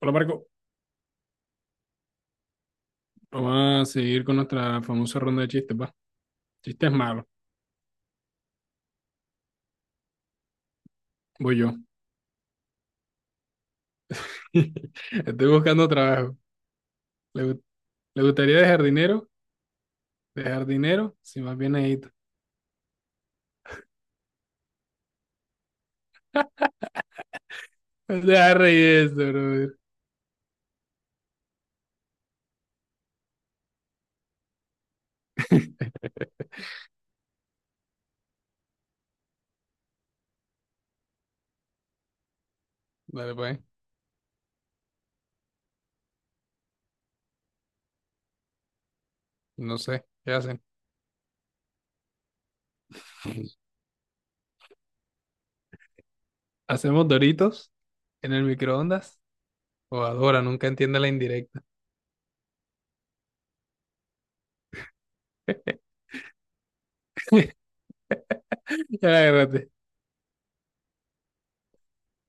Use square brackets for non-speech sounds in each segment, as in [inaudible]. Hola Marco, vamos a seguir con nuestra famosa ronda de chistes, va. Chistes malos, voy yo. [laughs] Estoy buscando trabajo. ¿Le, gu- ¿Le gustaría dejar dinero? ¿Dejar dinero? Si más bien ahí. Deja reír eso, brother. [laughs] Dale, pues. No sé, ¿qué hacen? [laughs] ¿Hacemos doritos en el microondas? O adora, nunca entiende la indirecta. [laughs] Ya agárrate.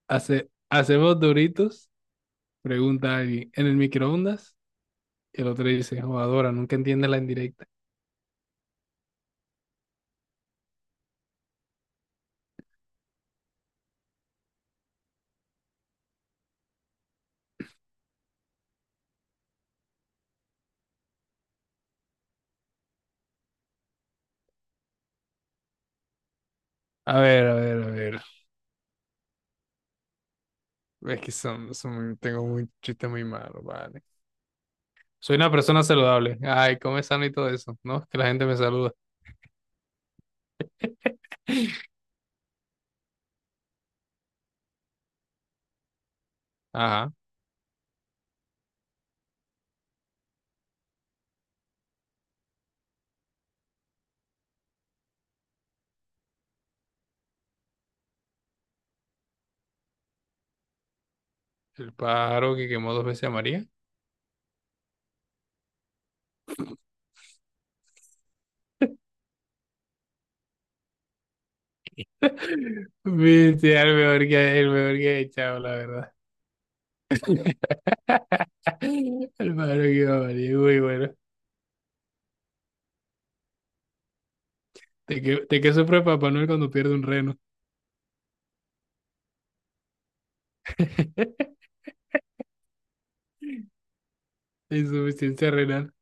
Hace, ¿hacemos doritos? Pregunta alguien. ¿En el microondas? Y el otro dice, o adora, nunca entiende la indirecta. A ver, a ver, a ver. Es que tengo un chiste muy malo, vale. Soy una persona saludable. Ay, come sano y todo eso, ¿no? Que la gente me saluda. [laughs] Ajá. El pájaro que quemó dos veces a María. [laughs] Viste, el mejor que he echado, la verdad. [laughs] El pájaro que quemó a María, muy bueno. ¿De qué sufre Papá Noel cuando pierde un reno? [laughs] Insuficiencia renal.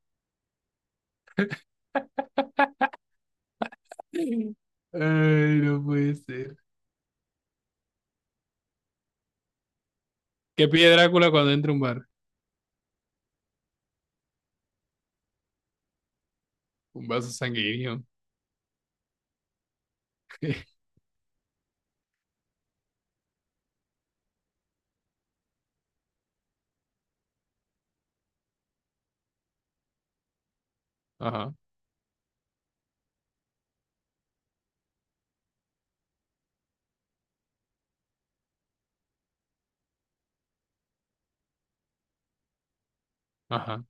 Ay, no puede ser. ¿Qué pide Drácula cuando entra a un bar? Un vaso sanguíneo. [laughs] Ajá, ajá,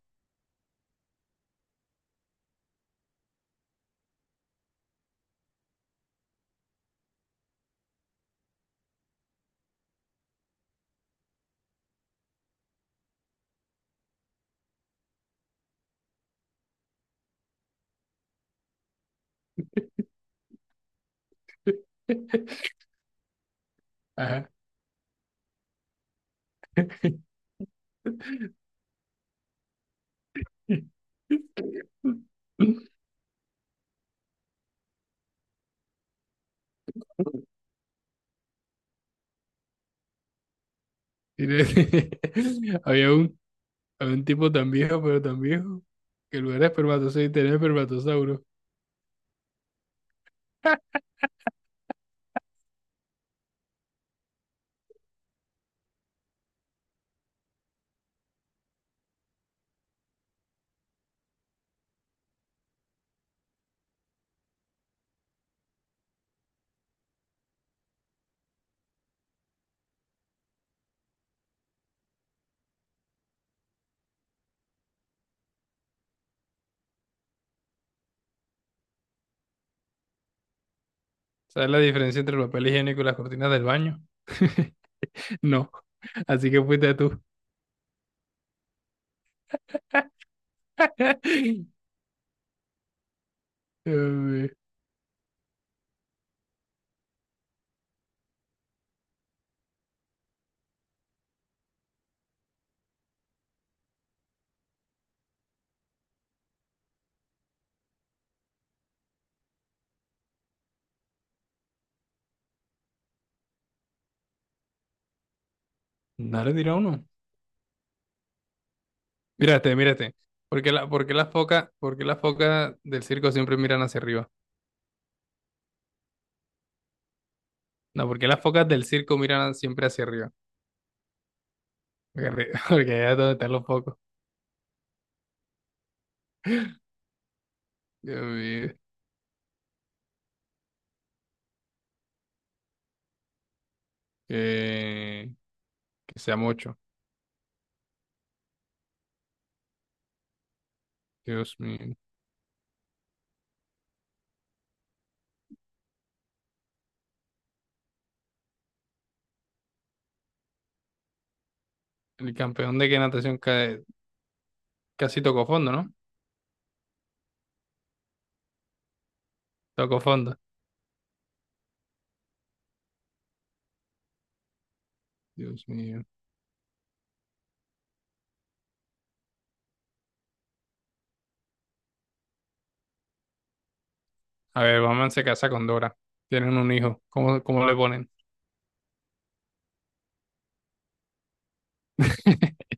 [laughs] ajá. [laughs] Tiene- [laughs] Había un, había un tipo tan viejo, pero tan viejo, que en lugar de espermatozoide tenía espermatosauro. ¿Sabes la diferencia entre el papel higiénico y las cortinas del baño? [laughs] No. Así que fuiste tú. [laughs] Eh, No le dirá uno. Mírate, mírate. ¿Por qué las focas del circo siempre miran hacia arriba? No, ¿porque las focas del circo miran siempre hacia arriba? Porque ya donde están los [laughs] poco. Dios mío. Que, que sea mucho. Dios mío. El campeón de qué natación ca- casi tocó fondo, ¿no? Tocó fondo. Dios mío. A ver, Batman se casa con Dora. Tienen un hijo. ¿Cómo le ponen? [laughs]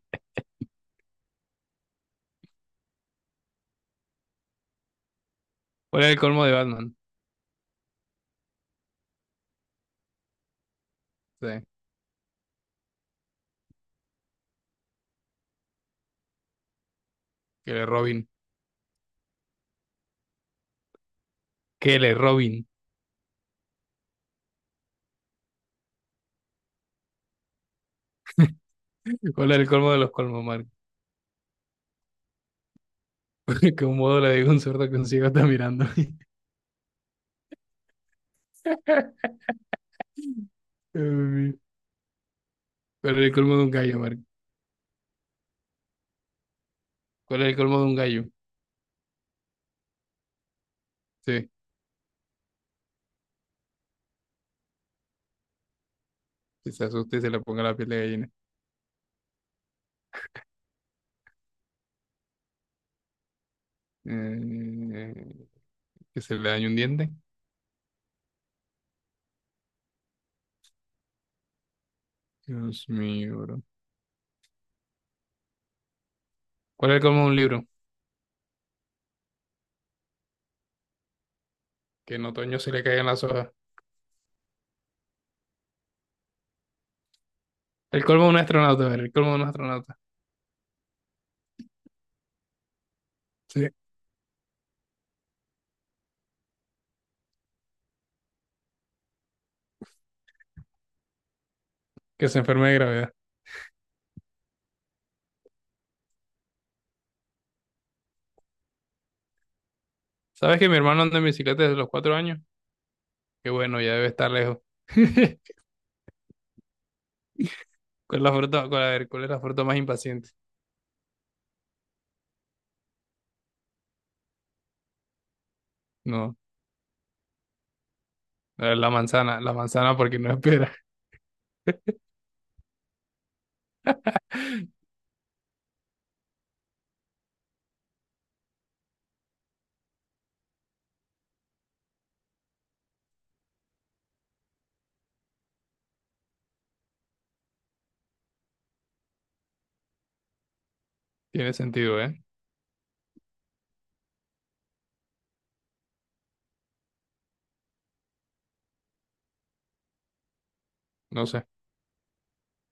¿Cuál es el colmo de Batman? Sí. Que le Robin. Que le Robin. ¿Cuál es el colmo de los colmos, Marco? [laughs] Que un modo le digo a un sordo que un ciego está mirando. [laughs] Dios mío. ¿Cuál es el colmo de un gallo, Marco? ¿Cuál es el colmo de un gallo? Sí. Que se asuste y se le ponga la piel de gallina. Eh, que se le dañe un diente. Dios mío, bro. ¿Cuál es el colmo de un libro? Que en otoño se le caigan las hojas. El colmo de un astronauta, a ver, el colmo de un astronauta. Sí. Que se enferme de gravedad. ¿Sabes que mi hermano anda en bicicleta desde los 4 años? Que bueno, ya debe estar lejos. [laughs] ¿Cuál es la fruta? Cuál- a ver, ¿cuál es la fruta más impaciente? No, a ver, la manzana porque no espera. [laughs] Tiene sentido, ¿eh? No sé.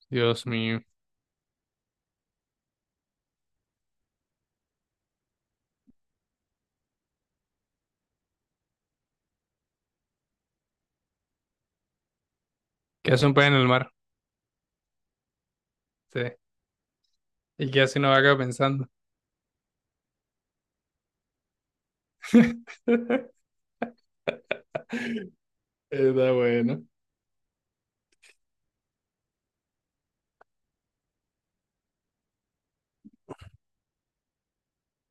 Dios mío. ¿Qué hace un pez en el mar? Sí. ¿Y qué hace una vaca pensando? [laughs] Está bueno.